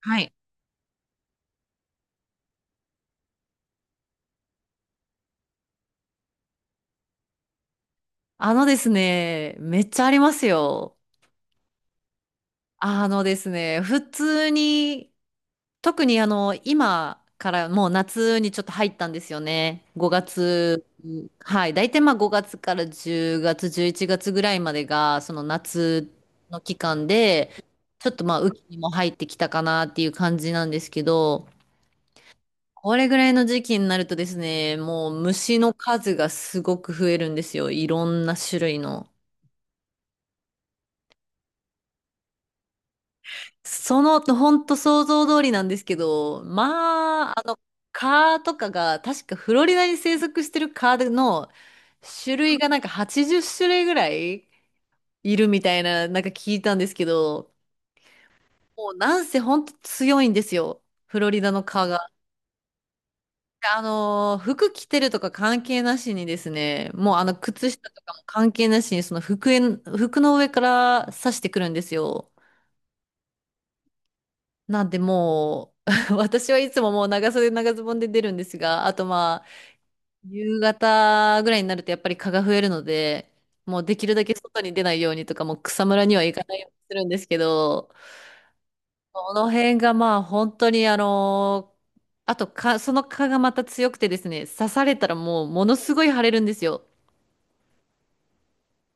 はい。あのですね、めっちゃありますよ。あのですね、普通に、特に今からもう夏にちょっと入ったんですよね。5月、はい。大体まあ5月から10月、11月ぐらいまでが、その夏の期間で、ちょっとまあ雨季にも入ってきたかなっていう感じなんですけど、これぐらいの時期になるとですね、もう虫の数がすごく増えるんですよ。いろんな種類の。その、ほんと想像通りなんですけど、蚊とかが、確かフロリダに生息してる蚊の種類がなんか80種類ぐらいいるみたいな、なんか聞いたんですけど、もうなんせほんと強いんですよ、フロリダの蚊が。で、服着てるとか関係なしにですね、もうあの、靴下とかも関係なしに、服の上から刺してくるんですよ。なんでもう、私はいつももう長袖長ズボンで出るんですが、あとまあ、夕方ぐらいになるとやっぱり蚊が増えるので、もうできるだけ外に出ないようにとか、もう草むらには行かないようにするんですけど、この辺がまあ本当にあの、あと蚊、その蚊がまた強くてですね、刺されたらもうものすごい腫れるんですよ。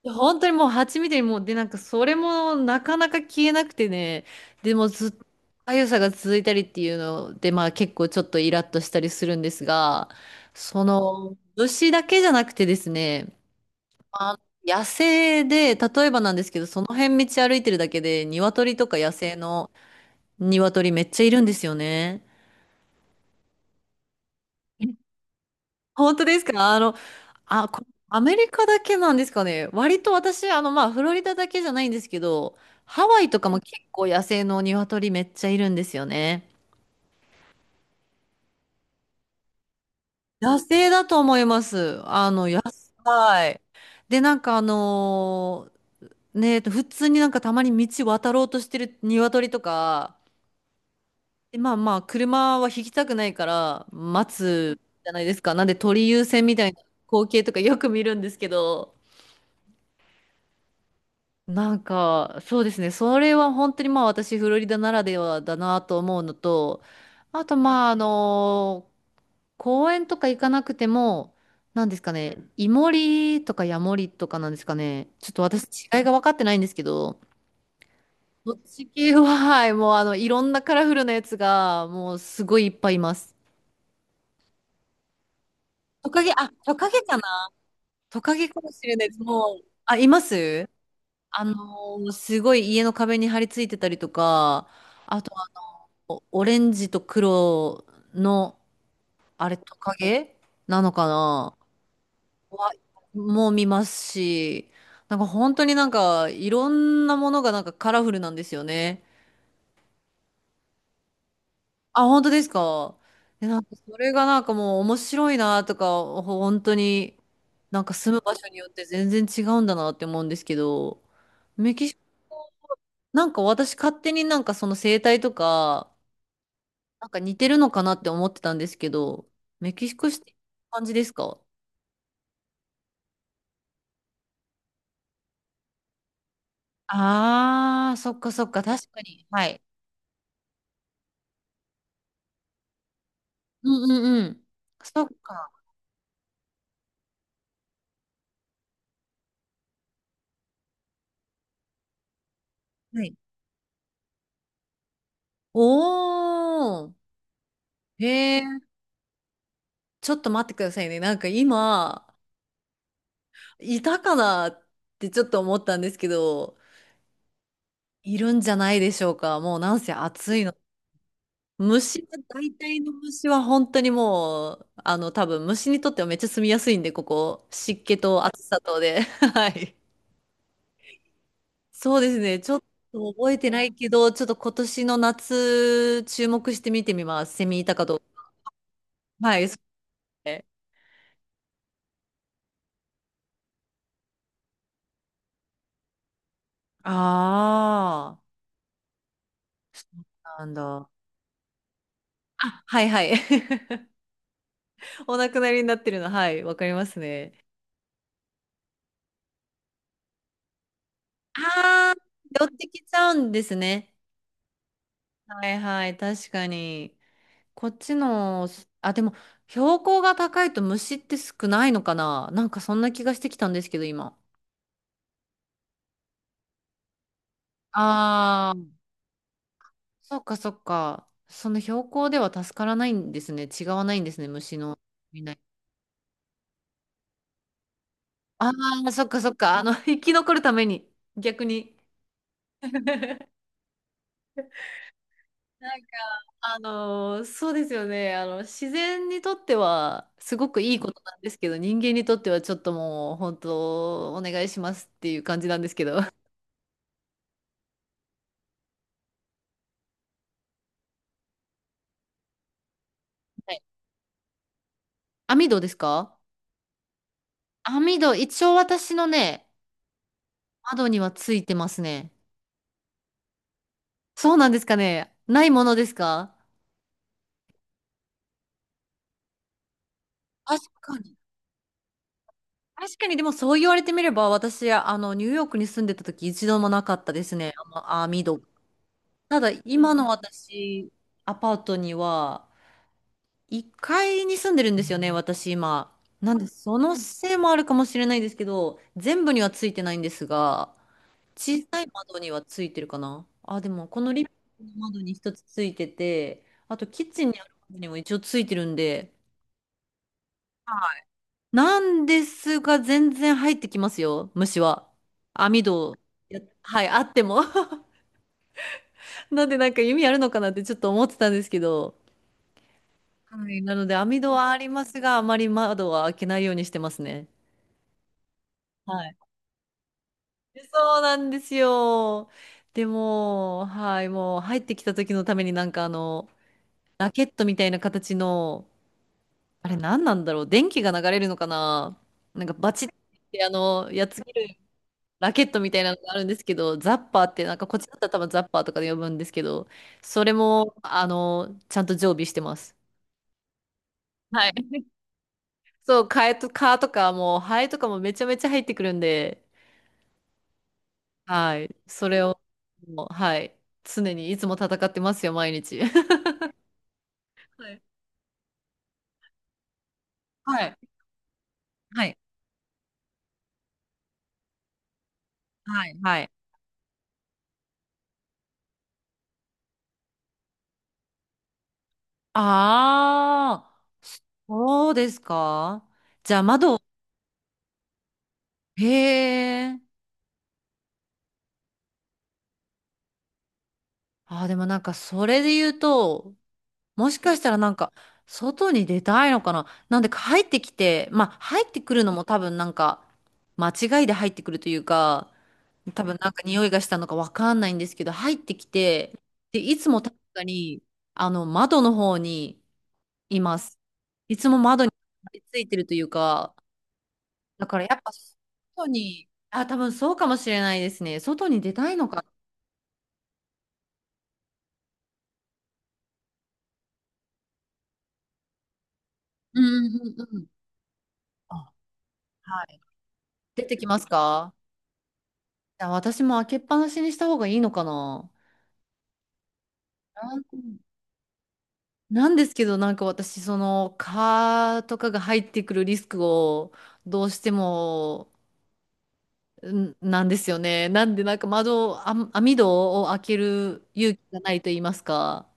いや本当にもう蜂みたいに、もうでなんかそれもなかなか消えなくてね、でもずっと痒さが続いたりっていうので、まあ結構ちょっとイラッとしたりするんですが、その虫だけじゃなくてですね、あ野生で例えばなんですけど、その辺道歩いてるだけで鶏とか野生の鶏めっちゃいるんですよね。本当ですか。アメリカだけなんですかね。割と私、フロリダだけじゃないんですけど、ハワイとかも結構野生の鶏めっちゃいるんですよね。野生だと思います。野菜。で、普通になんかたまに道渡ろうとしてる鶏とか、で、まあ、車は引きたくないから待つじゃないですか。なんで鳥優先みたいな光景とかよく見るんですけど、なんか、そうですね。それは本当にまあ私、フロリダならではだなと思うのと、あとまあ、あの、公園とか行かなくても、なんですかね、イモリとかヤモリとかなんですかね。ちょっと私、違いが分かってないんですけど、そっち系は、はい、もうあの、いろんなカラフルなやつが、もうすごいいっぱいいます。トカゲかな、トカゲかもしれないです。もう、あ、います。すごい家の壁に張り付いてたりとか、あとオレンジと黒の、あれ、トカゲなのかな、はもう見ますし、なんか本当になんかいろんなものがなんかカラフルなんですよね。あ、本当ですか。なんかそれがなんかもう面白いなとか、本当になんか住む場所によって全然違うんだなって思うんですけど、メキシコ、なんか私勝手になんかその生態とか、なんか似てるのかなって思ってたんですけど、メキシコシティって感じですか。ああ、そっかそっか、確かに。はい。うんうんうん。そっか。はい。おー。へえ、ちょっと待ってくださいね。なんか今、いたかなってちょっと思ったんですけど、いるんじゃないでしょうか。もうなんせ暑いの。虫は、大体の虫は本当にもう、多分虫にとってはめっちゃ住みやすいんで、ここ。湿気と暑さとで。はい。そうですね。ちょっと覚えてないけど、ちょっと今年の夏、注目して見てみます。セミいたかどうか。はい。ああ、そうなんだ。あ、はいはい。お亡くなりになってるの、はい、わかりますね。ああ、寄ってきちゃうんですね。はいはい、確かに。こっちの、あ、でも、標高が高いと虫って少ないのかな、なんかそんな気がしてきたんですけど、今。あ、そっかそっか。その標高では助からないんですね。違わないんですね、虫の。いない。ああ、そっかそっか。生き残るために、逆に。なんか、そうですよね。自然にとっては、すごくいいことなんですけど、人間にとってはちょっともう、本当、お願いしますっていう感じなんですけど。はい。網戸ですか。網戸、一応私のね、窓にはついてますね。そうなんですかね。ないものですか。確かに。確かに、でもそう言われてみれば、私、ニューヨークに住んでた時一度もなかったですね、網戸。ただ、今の私、アパートには、1階に住んでるんですよね、私今。なんで、そのせいもあるかもしれないですけど、全部にはついてないんですが、小さい窓にはついてるかな。あ、でも、このリビングの窓に一つついてて、あと、キッチンにある窓にも一応ついてるんで、なんですが、全然入ってきますよ、虫は。網戸、はい、あっても。なんでなんか意味あるのかなってちょっと思ってたんですけど。はい、なので網戸はありますが、あまり窓は開けないようにしてますね。はい。そうなんですよ。でも、はい、もう入ってきた時のために、ラケットみたいな形の、あれ何なんだろう、電気が流れるのかな、なんかバチってやつ切るラケットみたいなのがあるんですけど、ザッパーって、なんかこっちだったら多分ザッパーとかで呼ぶんですけど、それも、ちゃんと常備してます。はい。そう、カとかもう、ハエとかもめちゃめちゃ入ってくるんで、はい。それを、もう、はい。常にいつも戦ってますよ、毎日。はい。はい。はい。はい。はい。ああ、そうですか。じゃあ窓、へえ。ああ、でもなんかそれで言うと、もしかしたらなんか、外に出たいのかな、なんでか入ってきて、まあ入ってくるのも多分なんか、間違いで入ってくるというか、多分なんか匂いがしたのかわかんないんですけど、入ってきて、で、いつも確かに、窓の方にいます。いつも窓に張り付いてるというか、だからやっぱ外に、あ、多分そうかもしれないですね。外に出たいのか。うんうんうんうん。あ、はい。出てきますか。あ、私も開けっぱなしにした方がいいのかな。なんなんですけど、なんか私、その、蚊とかが入ってくるリスクを、どうしても、なんですよね。なんで、なんか窓を、あ、網戸を開ける勇気がないと言いますか。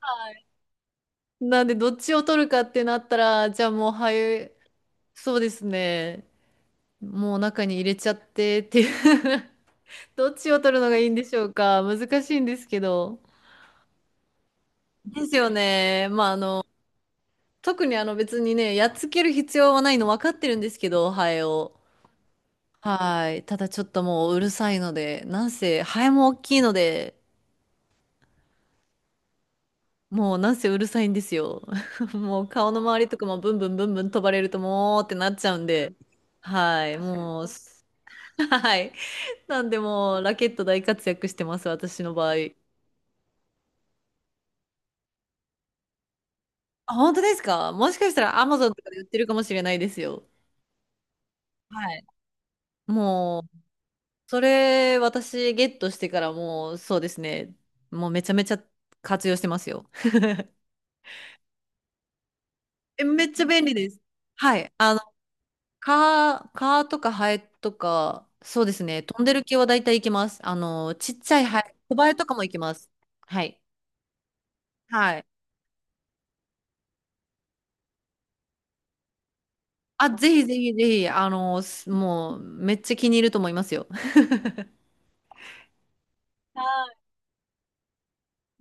はい。なんで、どっちを取るかってなったら、じゃあもう、はい、そうですね。もう中に入れちゃってっていう。 どっちを取るのがいいんでしょうか。難しいんですけど。ですよね。特に別にね、やっつける必要はないの分かってるんですけど、ハエを。はい。ただちょっともううるさいので、なんせ、ハエも大きいので、もうなんせうるさいんですよ。もう顔の周りとかもブンブンブンブン飛ばれるともうってなっちゃうんで、はい。もう、はい。なんでもうラケット大活躍してます、私の場合。あ、本当ですか。もしかしたら Amazon とかで売ってるかもしれないですよ。はい。もう、それ、私、ゲットしてからもう、そうですね。もうめちゃめちゃ活用してますよ。え、めっちゃ便利です。はい。あの、カーとかハエとか、そうですね。飛んでる系は大体行けます。ちっちゃいハエ、小ハエとかも行けます。はい。はい。あ、ぜひぜひぜひ、もう、めっちゃ気に入ると思いますよ。